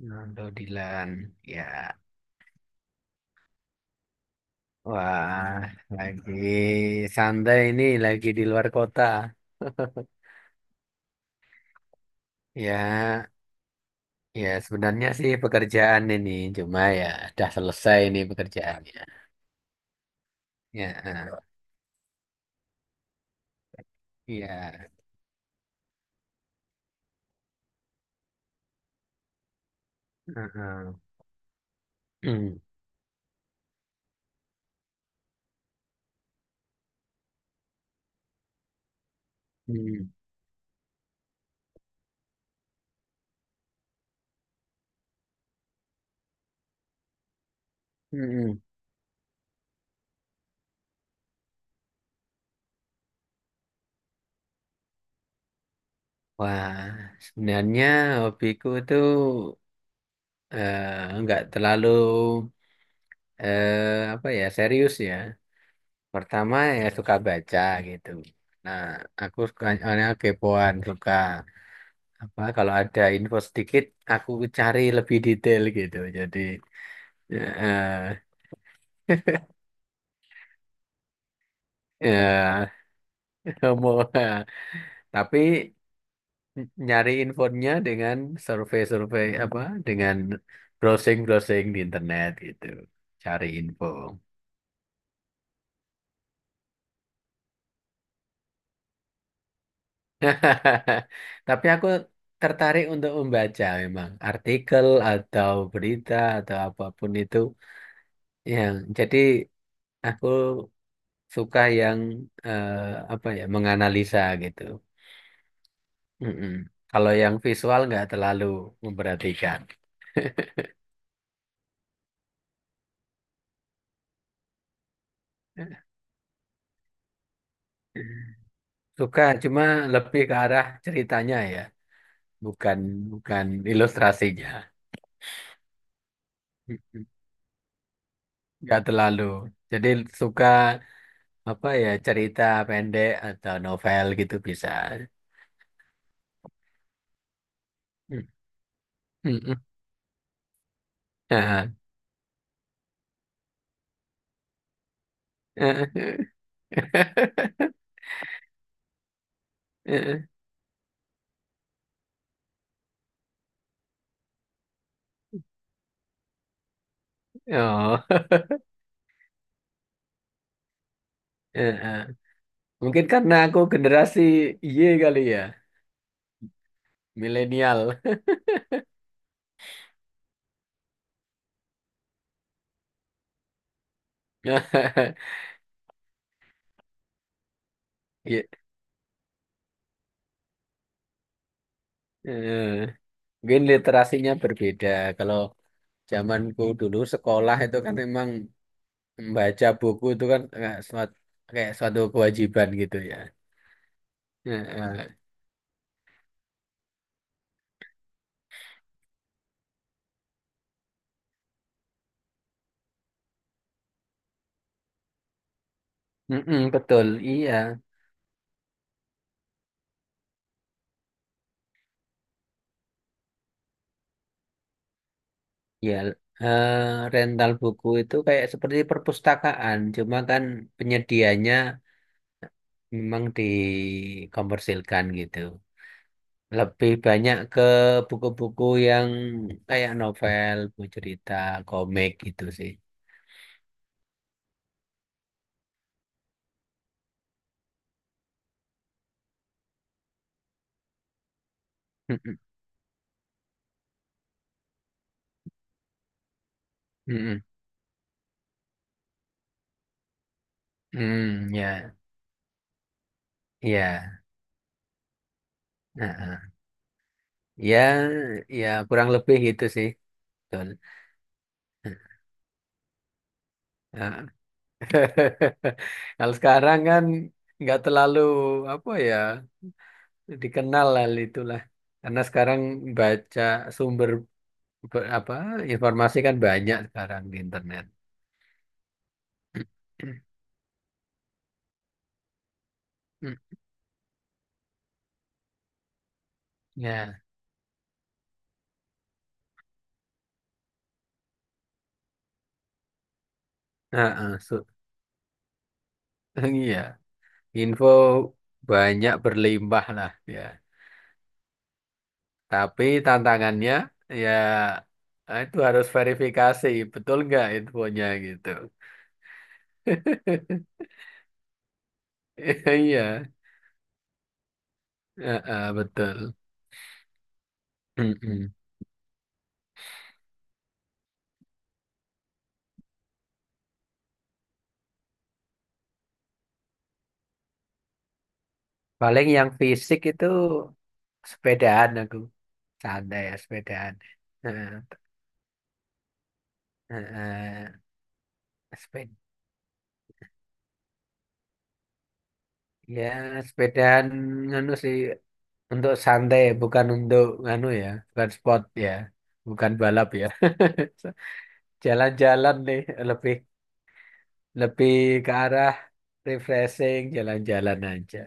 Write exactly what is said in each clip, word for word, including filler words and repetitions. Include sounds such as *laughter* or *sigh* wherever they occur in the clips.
Nando Dilan, ya. Wah, lagi santai ini, lagi di luar kota. Ya, ya sebenarnya sih pekerjaan ini, cuma ya udah selesai ini pekerjaannya. Ya, eh, ya. eh, eh. Hmm, hmm, hmm. Wah, sebenarnya hobiku tuh eh, nggak terlalu eh, apa ya serius ya. Pertama ya suka baca gitu. Nah, aku suka soalnya kepoan, suka apa, kalau ada info sedikit aku cari lebih detail gitu. Jadi eh *laughs* ya *laughs* mau eh, tapi nyari infonya dengan survei-survei apa dengan browsing-browsing di internet gitu. Cari info. *laughs* Tapi aku tertarik untuk membaca, memang artikel atau berita atau apapun itu. Ya, jadi aku suka yang eh, apa ya, menganalisa gitu. Mm-mm. Kalau yang visual nggak terlalu memperhatikan. *laughs* Suka, cuma lebih ke arah ceritanya ya, bukan bukan ilustrasinya. Mm-mm. Nggak terlalu. Jadi suka apa ya, cerita pendek atau novel gitu bisa. Mm. Mm-mm. Ah. *laughs* Oh. *laughs* Mungkin karena aku generasi Y kali ya, milenial. *laughs* Nah, *laughs* Ya, eh, mungkin literasinya berbeda. Kalau zamanku dulu sekolah itu kan memang membaca buku itu kan kayak suatu, kayak suatu kewajiban gitu ya. Eh, eh, mm-mm, betul, iya. Ya, eh, rental buku itu kayak seperti perpustakaan, cuma kan penyediaannya memang dikompersilkan gitu. Lebih banyak ke buku-buku yang kayak novel, buku cerita, komik gitu sih. Mm-mm. Mm-mm. Hmm, ya, ya, heeh. Ya, ya kurang lebih gitu sih. Betul. Nah, *laughs* kalau sekarang kan nggak terlalu apa ya, dikenal hal itulah, karena sekarang baca sumber ber- apa informasi kan banyak sekarang di internet. *clears throat* Ya, heeh, su- *laughs* iya. Info banyak berlimpah lah ya. Tapi tantangannya ya ah, itu harus verifikasi betul nggak infonya gitu. *laughs* Iya, heeh, betul. Mm-mm. Paling yang fisik itu sepedaan aku, santai ya sepedaan. Heeh, heeh, seped- ya sepedaan nganu sih untuk santai, bukan untuk nganu ya, bukan sport ya, bukan balap ya. *laughs* Jalan-jalan nih, lebih lebih ke arah refreshing, jalan-jalan aja.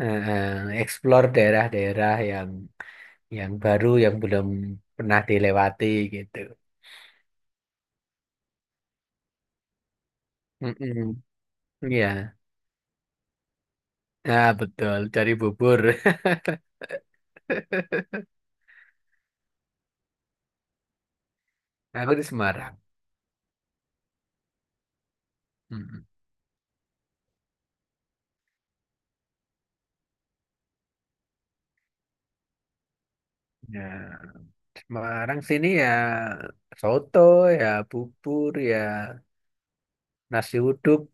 Eh, eh, explore daerah-daerah yang yang baru, yang belum pernah dilewati gitu. Mm-mm. Iya, nah, betul. Cari bubur. *laughs* Aku di Semarang. Mm-mm. Ya, Semarang sini ya soto, ya bubur, ya nasi uduk,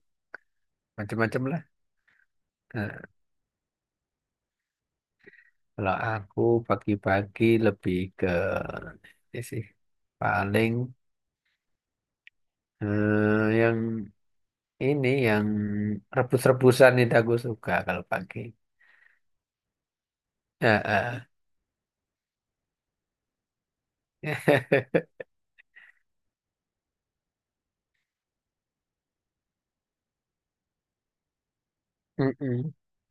macam-macam lah. Kalau aku pagi-pagi lebih ke ini sih, paling eh, yang ini yang rebus-rebusan itu aku suka kalau pagi. Eh, *laughs* Mm-mm.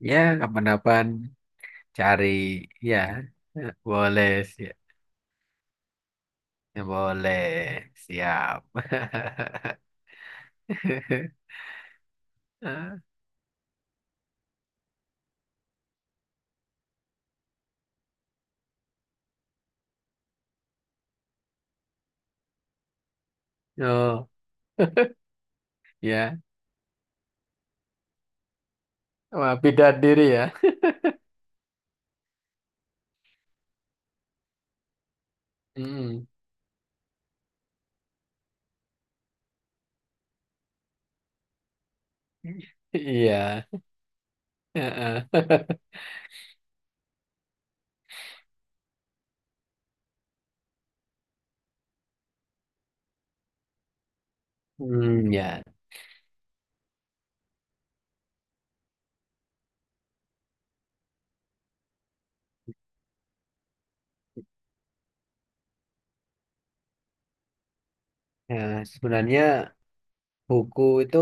Ya kapan-kapan cari ya. Eh, boleh sih, ya, boleh siap. *laughs* Ah, oh ya. Wah, beda diri ya. Mm. *laughs* Iya. Eh, *laughs* Hmm, ya. Ya, sebenarnya buku itu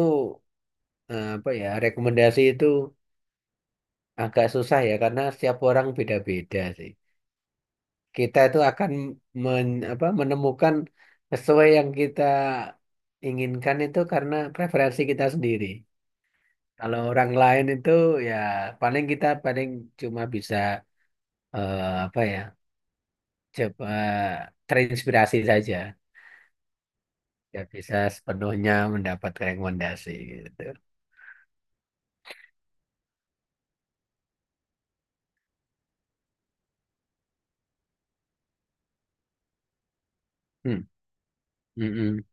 eh, apa ya, rekomendasi itu agak susah ya, karena setiap orang beda-beda sih. Kita itu akan men, apa, menemukan sesuai yang kita inginkan itu karena preferensi kita sendiri. Kalau orang lain itu ya paling kita paling cuma bisa eh, apa ya, coba terinspirasi saja. Ya bisa sepenuhnya mendapat rekomendasi gitu. Hmm. Mm-mm.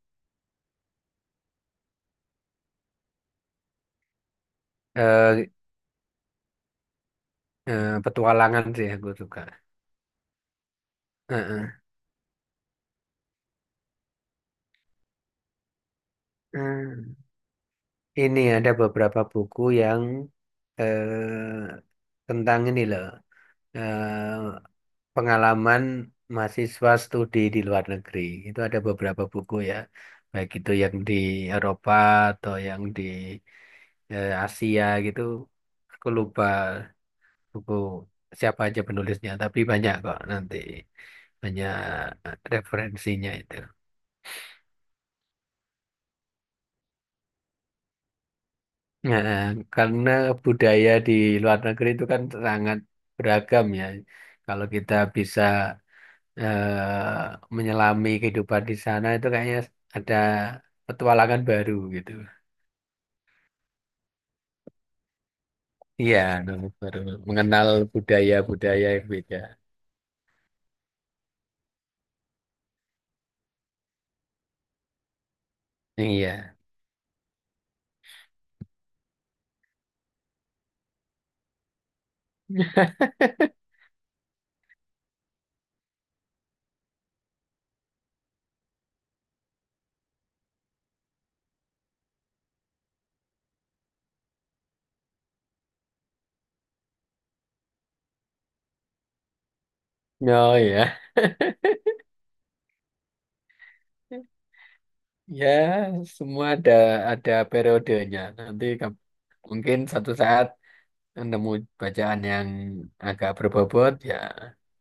Eh, Eh, petualangan sih aku suka. Heeh. Hmm. Ini ada beberapa buku yang eh, tentang ini loh, eh, pengalaman mahasiswa studi di luar negeri. Itu ada beberapa buku ya, baik itu yang di Eropa atau yang di eh, Asia gitu. Aku lupa buku siapa aja penulisnya, tapi banyak kok nanti banyak referensinya itu. Nah, karena budaya di luar negeri itu kan sangat beragam ya. Kalau kita bisa eh, menyelami kehidupan di sana itu kayaknya ada petualangan baru gitu. Iya, nah, baru mengenal budaya-budaya yang beda. Iya. *laughs* Oh ya. Ya, semua ada ada periodenya. Nanti kap- mungkin satu saat nemu bacaan yang agak berbobot ya,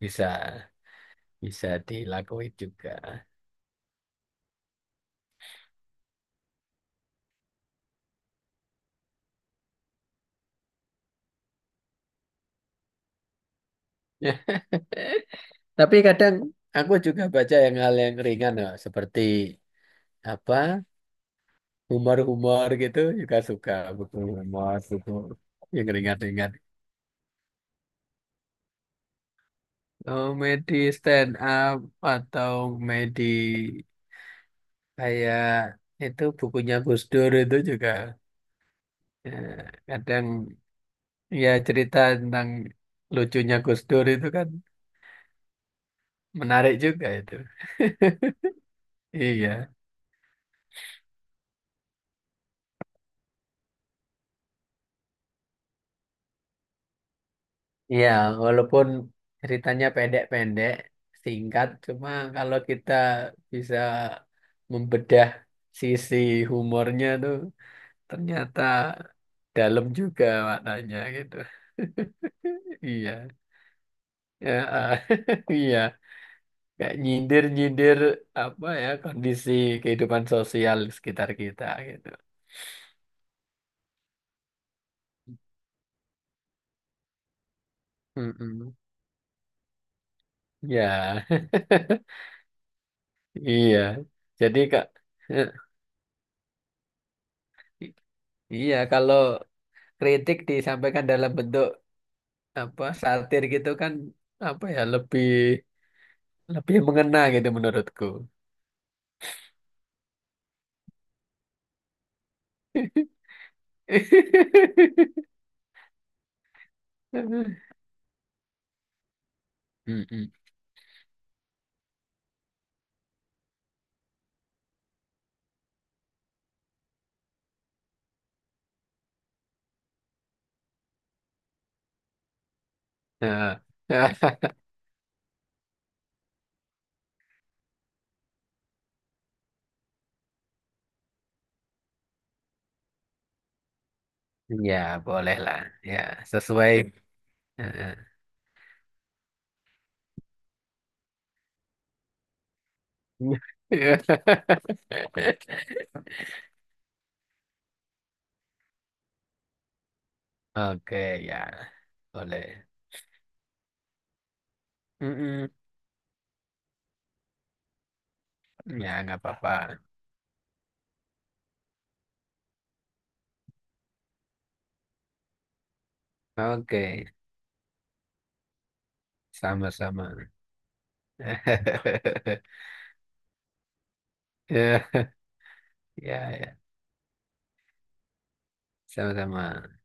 bisa bisa dilakuin juga. *laughs* Ya. Tapi kadang aku juga baca yang hal yang ringan loh, seperti apa, humor-humor gitu juga suka, buku humor, buku yang ringan-ringan. Komedi stand up atau komedi kayak itu, bukunya Gus Dur itu juga eh, kadang ya, cerita tentang lucunya Gus Dur itu kan menarik juga itu. *laughs* Iya. Iya, walaupun ceritanya pendek-pendek, singkat, cuma kalau kita bisa membedah sisi humornya tuh ternyata dalam juga maknanya gitu. *laughs* Iya. Ya, ah. *laughs* Iya. Kayak nyindir-nyindir apa ya, kondisi kehidupan sosial sekitar kita gitu. Mm-mm. Ya, *laughs* iya. Jadi kak, eh, i- iya kalau kritik disampaikan dalam bentuk apa, satir gitu kan apa ya, lebih lebih mengena gitu menurutku. *laughs* Mm-mm. Nah, *laughs* ya boleh lah. Ya sesuai. Eh, *laughs* oke ya, boleh. Mm-mm. Ya nggak apa-apa. Oke, sama-sama. *laughs* ya ya ya sama-sama